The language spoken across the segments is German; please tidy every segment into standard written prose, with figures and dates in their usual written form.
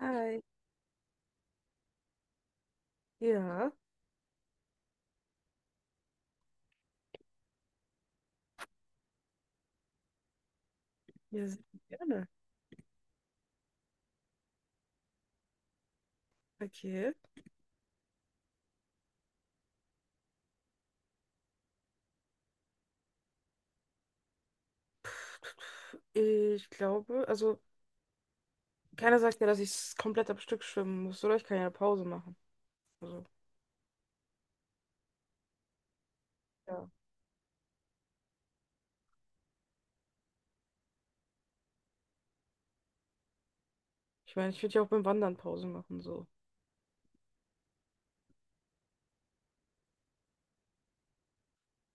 Hi. Ja, ja, sehr gerne. Okay. Ich glaube, also keiner sagt ja, dass ich komplett am Stück schwimmen muss, oder? Ich kann ja eine Pause machen. Also, ja. Ich meine, ich würde ja auch beim Wandern Pause machen, so.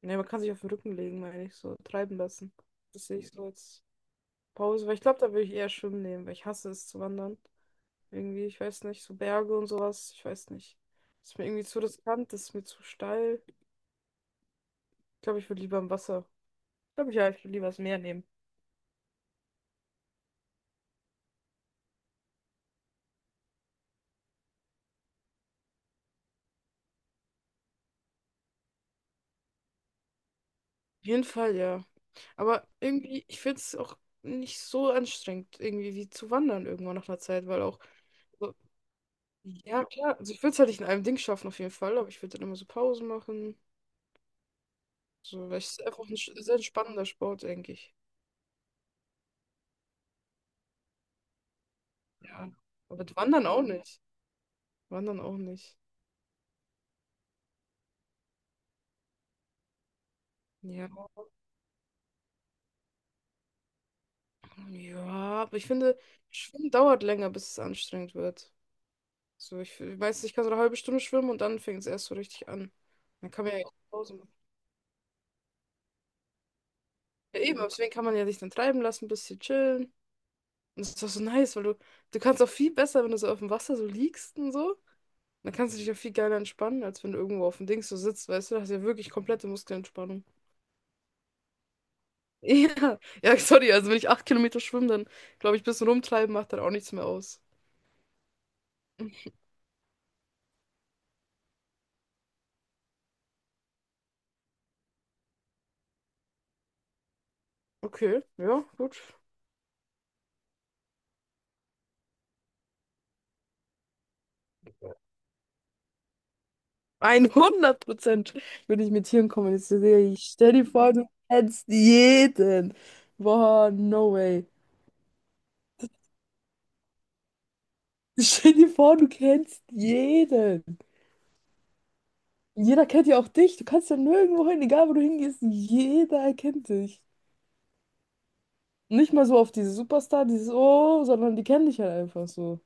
Ne, man kann sich auf den Rücken legen, meine ich, so treiben lassen. Das sehe ich so als Pause, weil ich glaube, da würde ich eher schwimmen nehmen, weil ich hasse es zu wandern. Irgendwie, ich weiß nicht, so Berge und sowas, ich weiß nicht. Ist mir irgendwie zu riskant, ist mir zu steil. Ich glaube, ich würde lieber im Wasser. Ich glaube, ja, ich würde lieber das Meer nehmen. Jeden Fall, ja. Aber irgendwie, ich finde es auch nicht so anstrengend, irgendwie wie zu wandern irgendwann nach einer Zeit, weil auch, so, ja klar, also ich würde es halt nicht in einem Ding schaffen auf jeden Fall, aber ich würde dann immer so Pausen machen. So, weil es ist einfach ein sehr entspannender Sport, denke ich. Ja. Aber wandern auch nicht. Wandern auch nicht. Ja. Ja, aber ich finde, Schwimmen dauert länger, bis es anstrengend wird. So, ich weiß nicht, ich kann so eine halbe Stunde schwimmen und dann fängt es erst so richtig an. Dann kann man ja echt Pause machen. Ja, eben, aber deswegen kann man ja sich dann treiben lassen, ein bisschen chillen. Und das ist doch so nice, weil du kannst auch viel besser, wenn du so auf dem Wasser so liegst und so. Dann kannst du dich auch viel geiler entspannen, als wenn du irgendwo auf dem Dings so sitzt, weißt du, da hast du ja wirklich komplette Muskelentspannung. Ja, ja, sorry, also wenn ich 8 Kilometer schwimme, dann glaube ich, ein bisschen rumtreiben macht dann auch nichts mehr aus. Okay, ja, gut. 100% würde ich mit Tieren kommunizieren. Ich stell dir vor, du kennst jeden. Boah, no way. Stell dir vor, du kennst jeden. Jeder kennt ja auch dich. Du kannst ja nirgendwo hin, egal wo du hingehst. Jeder erkennt dich. Nicht mal so auf diese Superstar, dieses Oh, sondern die kennen dich halt einfach so.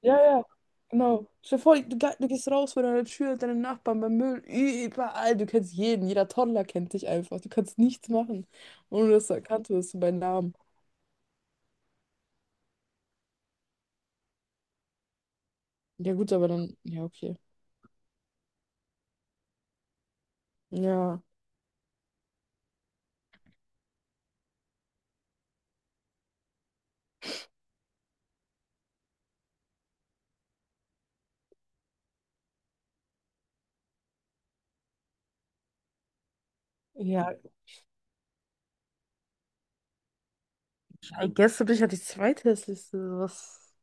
Ja, ja. Genau. Stell dir vor, du gehst raus vor deiner Tür, deine Nachbarn beim Müll, überall. Du kennst jeden. Jeder Toddler kennt dich einfach. Du kannst nichts machen, ohne dass du erkannt wirst bei Namen. Ja, gut, aber dann. Ja, okay. Ja. Ja, I guess du bist ja die zweithässlichste. Was?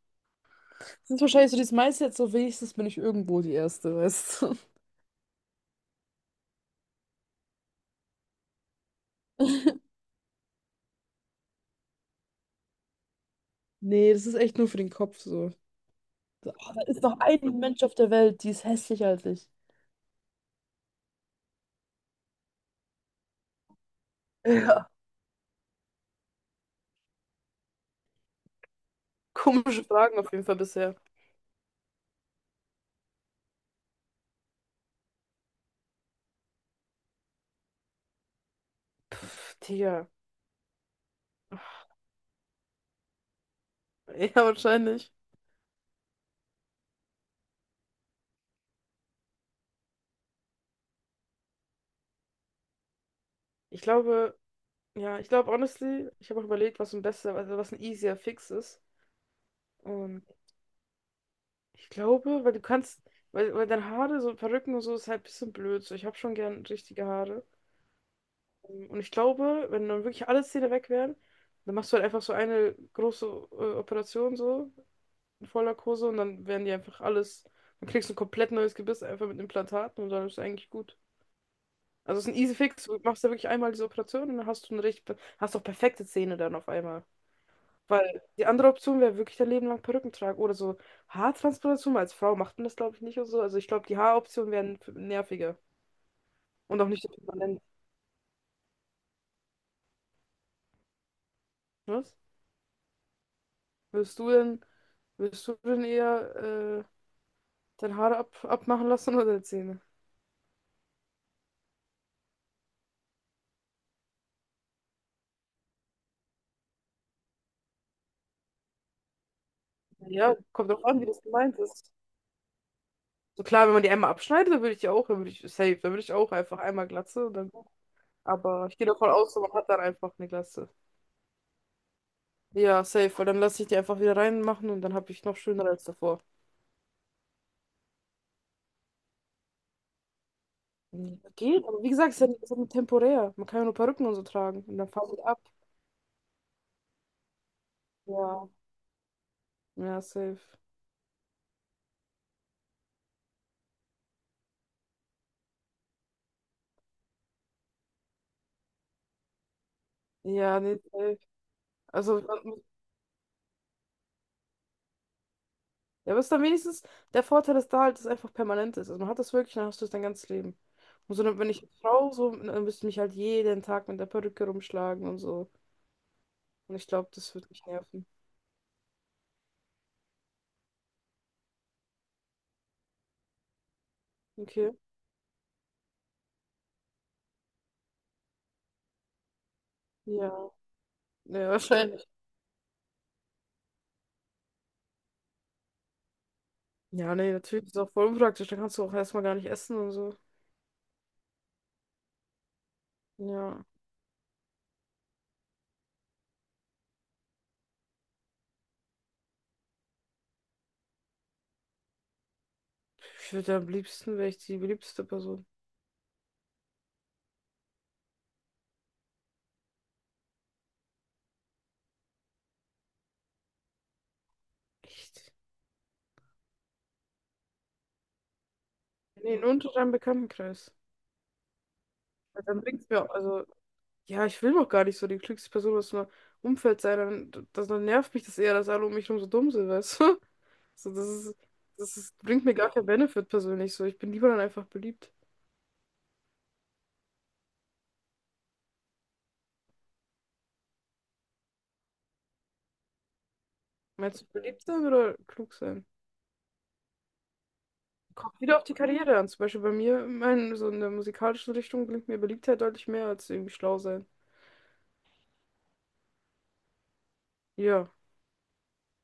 Das ist wahrscheinlich so dieses Mindset, so wenigstens bin ich irgendwo die Erste, weißt du? Nee, das ist echt nur für den Kopf so. So, ah, da ist noch ein Mensch auf der Welt, die ist hässlicher als ich. Ja, komische Fragen auf jeden Fall bisher. Pff, Digga. Ja, wahrscheinlich. Ich glaube, ja, ich glaube, honestly, ich habe auch überlegt, also was ein easier Fix ist. Und ich glaube, weil du kannst, weil deine Haare, so Perücken und so, ist halt ein bisschen blöd. So, ich habe schon gern richtige Haare. Und ich glaube, wenn dann wirklich alle Zähne weg wären, dann machst du halt einfach so eine große Operation so. In Vollnarkose und dann werden die einfach alles. Dann kriegst du ein komplett neues Gebiss einfach mit Implantaten und dann ist es eigentlich gut. Also es ist ein easy fix. Du machst ja wirklich einmal diese Operation und dann hast du eine richtig, hast auch perfekte Zähne dann auf einmal. Weil die andere Option wäre wirklich dein Leben lang Perücken tragen oder so Haartransplantation. Als Frau macht man das, glaube ich, nicht und so. Also ich glaube, die Haaroptionen wären nerviger und auch nicht so permanent. Was? Willst du denn, willst du denn eher deine Haare abmachen lassen oder deine Zähne? Ja, kommt drauf an, wie das gemeint ist. So klar, wenn man die einmal abschneidet, dann würde ich die auch, dann würde ich safe, dann würde ich auch einfach einmal Glatze und dann. Aber ich gehe davon aus, man hat dann einfach eine Glatze. Ja, safe, weil dann lasse ich die einfach wieder reinmachen und dann habe ich noch schöner als davor. Mhm. Geht, aber wie gesagt, ist ja nur temporär. Man kann ja nur Perücken und so tragen und dann fahren die ab. Ja, ja, safe. Ja, nee, safe. Also, man, ja, aber ist dann wenigstens, der Vorteil ist da halt, dass es einfach permanent ist. Also man hat das wirklich, dann hast du es dein ganzes Leben. Und so, wenn ich als Frau so, dann müsste ich mich halt jeden Tag mit der Perücke rumschlagen und so. Und ich glaube, das wird mich nerven. Okay. Ja. Ja, wahrscheinlich. Ja, nee, natürlich ist auch voll unpraktisch. Dann kannst du auch erstmal gar nicht essen und so. Ja. Ich würde am liebsten, wäre ich die beliebteste Person. Echt? Ja, nee, nur unter deinem Bekanntenkreis. Weil dann bringt's mir, also, ja, ich will doch gar nicht so die klügste Person aus meinem Umfeld sein. Dann, das, dann nervt mich das eher, dass alle um mich herum so dumm sind, weißt du? So, bringt mir gar keinen Benefit persönlich. So, ich bin lieber dann einfach beliebt. Meinst du beliebt sein oder klug sein? Wieder auf die Karriere an. Zum Beispiel bei mir, mein, so in der musikalischen Richtung bringt mir Beliebtheit deutlich mehr als irgendwie schlau sein. Ja,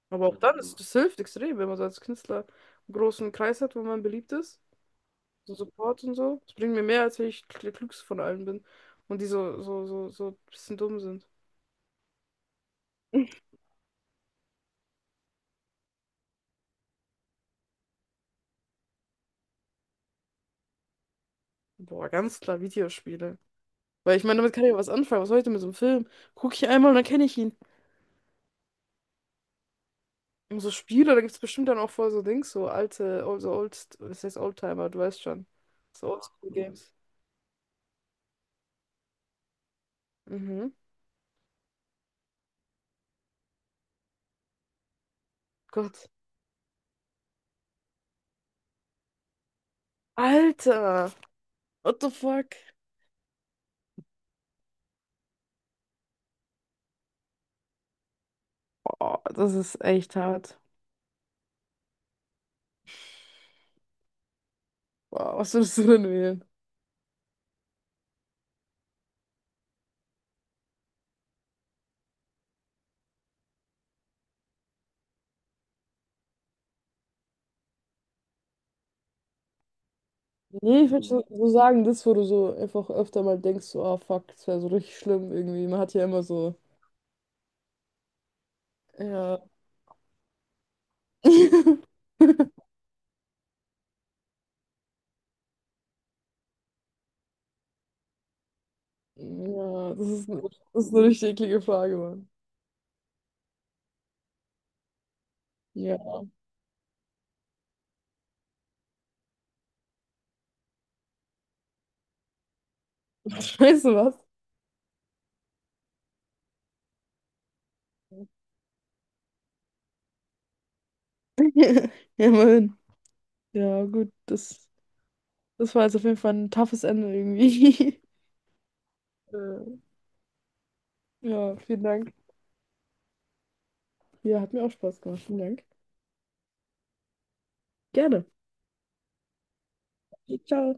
aber auch dann, das, mhm, das hilft extrem, wenn man so als Künstler einen großen Kreis hat, wo man beliebt ist. So Support und so. Das bringt mir mehr, als wenn ich der Klügste von allen bin. Und die so ein bisschen dumm sind. Boah, ganz klar Videospiele. Weil ich meine, damit kann ich ja was anfangen. Was soll ich denn mit so einem Film? Gucke ich einmal und dann kenne ich ihn. Und so Spiele, da gibt es bestimmt dann auch voll so Dings, so alte, so old, was heißt Oldtimer, du weißt schon. So Oldschool-Games. Mhm. Gott. Alter! What the fuck? Oh, das ist echt hart. Wow, was würdest du denn wählen? Nee, ich würde so sagen, das, wo du so einfach öfter mal denkst, so, ah, fuck, das wäre so richtig schlimm irgendwie. Man hat ja immer so, ja. Ja, das ist eine richtig eklige Frage, Mann. Ja. Weißt du was? Ja, immerhin. Ja, gut, das, das war jetzt auf jeden Fall ein toughes Ende irgendwie. Äh, Ja, vielen Dank. Ja, hat mir auch Spaß gemacht. Vielen Dank. Gerne. Ciao.